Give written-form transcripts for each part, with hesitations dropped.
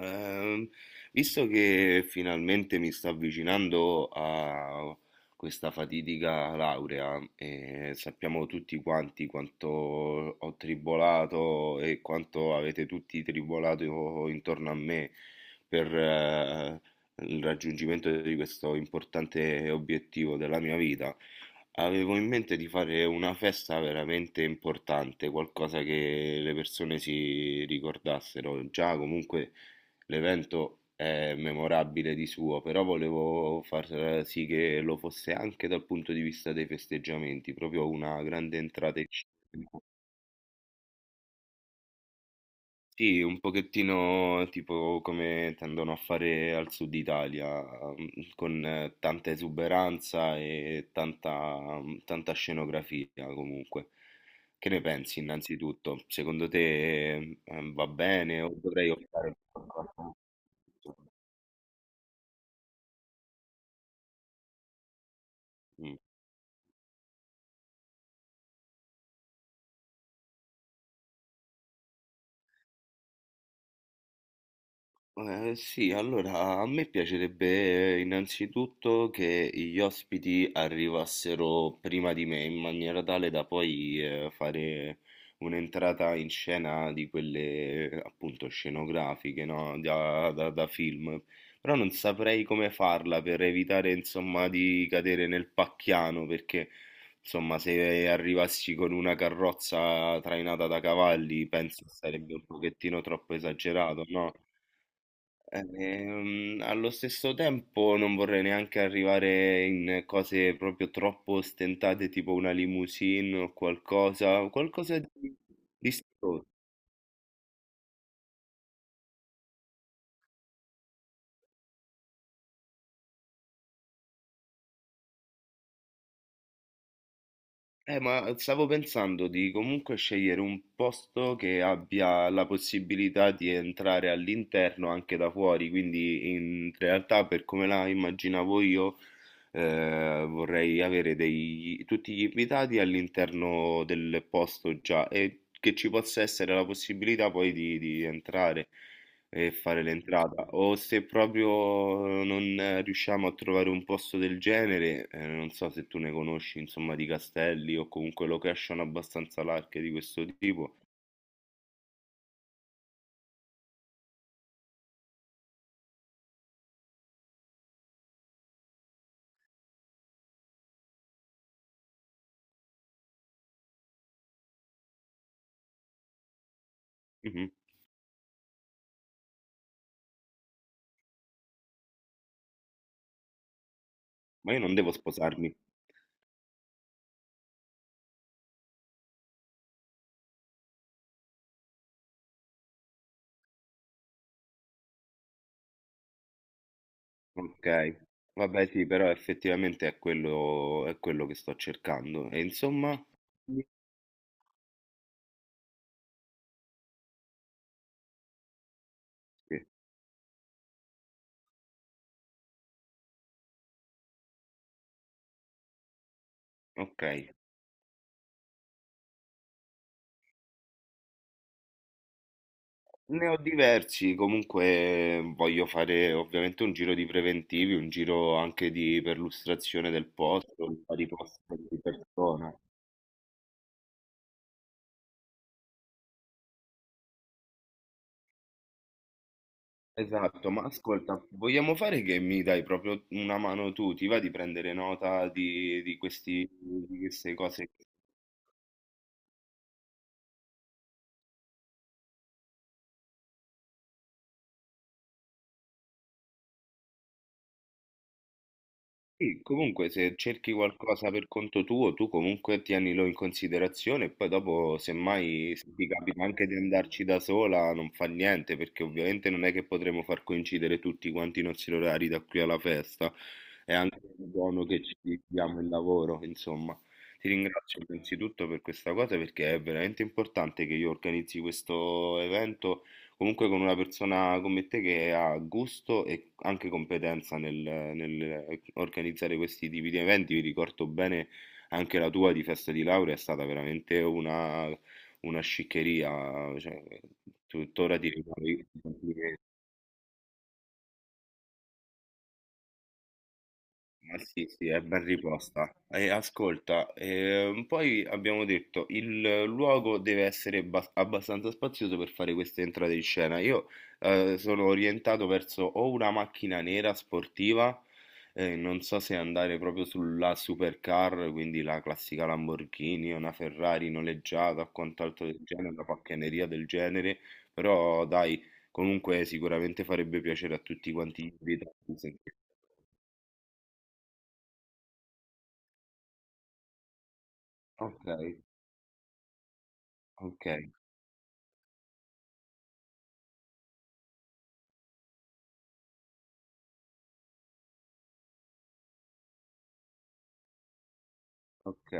Ehm, visto che finalmente mi sto avvicinando a questa fatidica laurea e sappiamo tutti quanti quanto ho tribolato e quanto avete tutti tribolato intorno a me per il raggiungimento di questo importante obiettivo della mia vita, avevo in mente di fare una festa veramente importante, qualcosa che le persone si ricordassero già comunque. L'evento è memorabile di suo, però volevo far sì che lo fosse anche dal punto di vista dei festeggiamenti, proprio una grande entrata in scena. Sì, un pochettino tipo come tendono a fare al sud Italia, mm, con tanta esuberanza e tanta scenografia comunque. Che ne pensi innanzitutto? Secondo te va bene o dovrei optare per qualcosa? Mm. Sì, allora a me piacerebbe innanzitutto che gli ospiti arrivassero prima di me in maniera tale da poi fare un'entrata in scena di quelle appunto scenografiche, no? Da film. Però non saprei come farla per evitare insomma di cadere nel pacchiano, perché insomma se arrivassi con una carrozza trainata da cavalli penso sarebbe un pochettino troppo esagerato, no? Allo stesso tempo non vorrei neanche arrivare in cose proprio troppo ostentate, tipo una limousine o qualcosa, qualcosa di. Ma stavo pensando di comunque scegliere un posto che abbia la possibilità di entrare all'interno anche da fuori, quindi in realtà per come la immaginavo io vorrei avere tutti gli invitati all'interno del posto già e che ci possa essere la possibilità poi di entrare e fare l'entrata, o se proprio non riusciamo a trovare un posto del genere, non so se tu ne conosci, insomma, di castelli o comunque location abbastanza larghe di questo tipo. Mhm. Ma io non devo sposarmi. Ok. Vabbè, sì, però effettivamente è quello che sto cercando. E insomma, sì. Ok. Ne ho diversi, comunque voglio fare ovviamente un giro di preventivi, un giro anche di perlustrazione del posto, di vari posti di persona. Esatto, ma ascolta, vogliamo fare che mi dai proprio una mano tu, ti va di prendere nota di questi, di queste cose. Sì, comunque se cerchi qualcosa per conto tuo, tu comunque tienilo in considerazione e poi dopo semmai se ti capita anche di andarci da sola non fa niente, perché ovviamente non è che potremo far coincidere tutti quanti i nostri orari da qui alla festa, è anche buono che ci diamo il lavoro, insomma. Ti ringrazio innanzitutto per questa cosa perché è veramente importante che io organizzi questo evento comunque con una persona come te che ha gusto e anche competenza nel, nel organizzare questi tipi di eventi. Vi ricordo bene anche la tua di festa di laurea è stata veramente una sciccheria, cioè, tuttora ti ricordi. Ma sì, sì, è ben riposta. E ascolta, poi abbiamo detto il luogo deve essere abbastanza spazioso per fare queste entrate in scena. Io sono orientato verso o una macchina nera sportiva, non so se andare proprio sulla supercar, quindi la classica Lamborghini, una Ferrari noleggiata o quant'altro del genere, una pacchianeria del genere, però dai, comunque sicuramente farebbe piacere a tutti quanti gli invitati. Sentire. Ok, ok. Ok,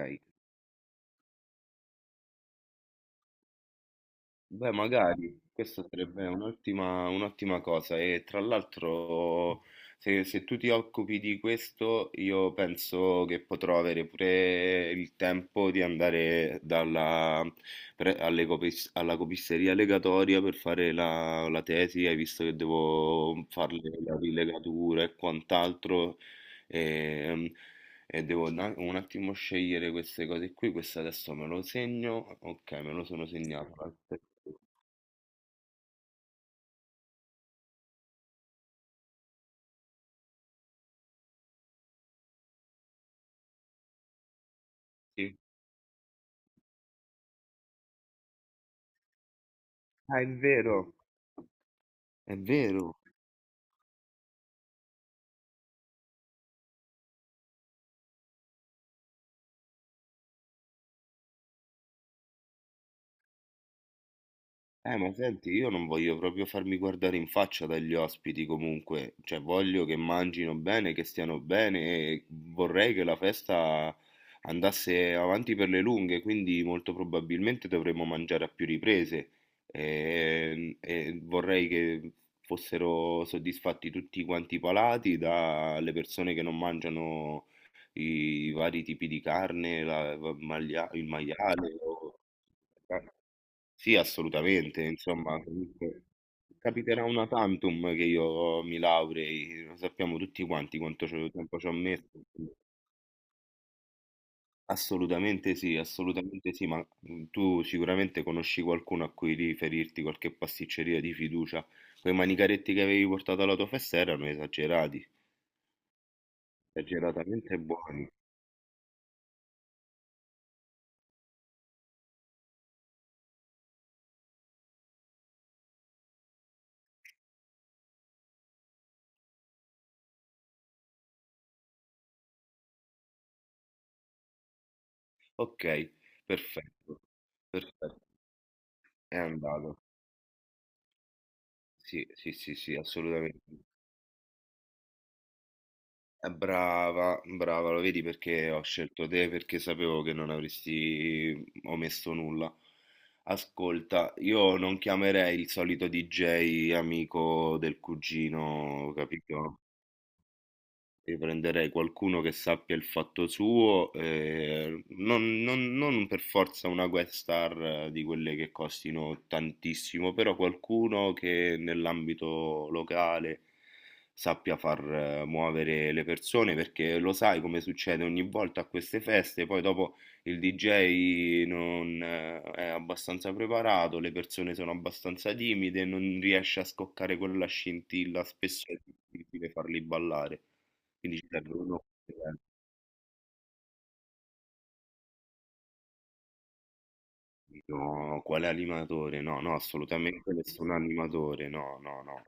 beh, magari questa sarebbe un'ottima un'ottima cosa, e tra l'altro se, se tu ti occupi di questo io penso che potrò avere pure il tempo di andare dalla, alla copisteria legatoria per fare la, la tesi, hai visto che devo fare la rilegatura e quant'altro. Ehm, E devo un attimo scegliere queste cose qui, questo adesso me lo segno, ok, me lo sono segnato. Aspetta. Sì. Ah, è vero, è vero. Ma senti, io non voglio proprio farmi guardare in faccia dagli ospiti comunque, cioè voglio che mangino bene, che stiano bene e vorrei che la festa andasse avanti per le lunghe, quindi molto probabilmente dovremmo mangiare a più riprese e vorrei che fossero soddisfatti tutti quanti i palati, dalle persone che non mangiano i vari tipi di carne, il maiale o... Sì, assolutamente, insomma, comunque capiterà una tantum che io mi laurei, lo sappiamo tutti quanti quanto tempo ci ho messo. Assolutamente sì, ma tu sicuramente conosci qualcuno a cui riferirti, qualche pasticceria di fiducia. Quei manicaretti che avevi portato alla tua festa erano esagerati, esageratamente buoni. Ok, perfetto, perfetto, è andato. Sì, sì, sì, sì, assolutamente. Brava, brava, lo vedi perché ho scelto te, perché sapevo che non avresti omesso nulla. Ascolta, io non chiamerei il solito DJ amico del cugino, capito? Io prenderei qualcuno che sappia il fatto suo, non per forza una guest star di quelle che costino tantissimo, però qualcuno che nell'ambito locale sappia far muovere le persone, perché lo sai come succede ogni volta a queste feste, poi dopo il DJ non è abbastanza preparato, le persone sono abbastanza timide, non riesce a scoccare quella scintilla, spesso è difficile farli ballare. Quindi ci serve uno che pensi, no, quale animatore? No, no, assolutamente nessun animatore, no, no, no.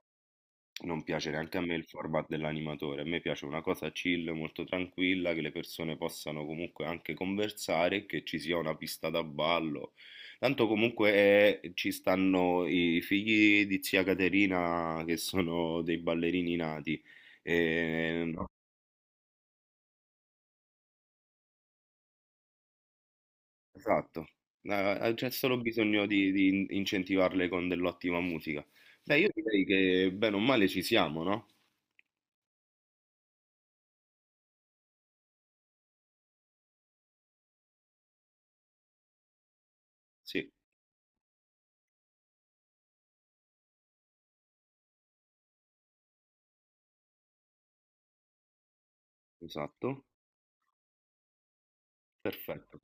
Non piace neanche a me il format dell'animatore, a me piace una cosa chill, molto tranquilla, che le persone possano comunque anche conversare, che ci sia una pista da ballo. Tanto comunque ci stanno i figli di zia Caterina che sono dei ballerini nati. E esatto, c'è solo bisogno di incentivarle con dell'ottima musica. Beh, io direi che bene o male ci siamo, no? Sì, esatto, perfetto.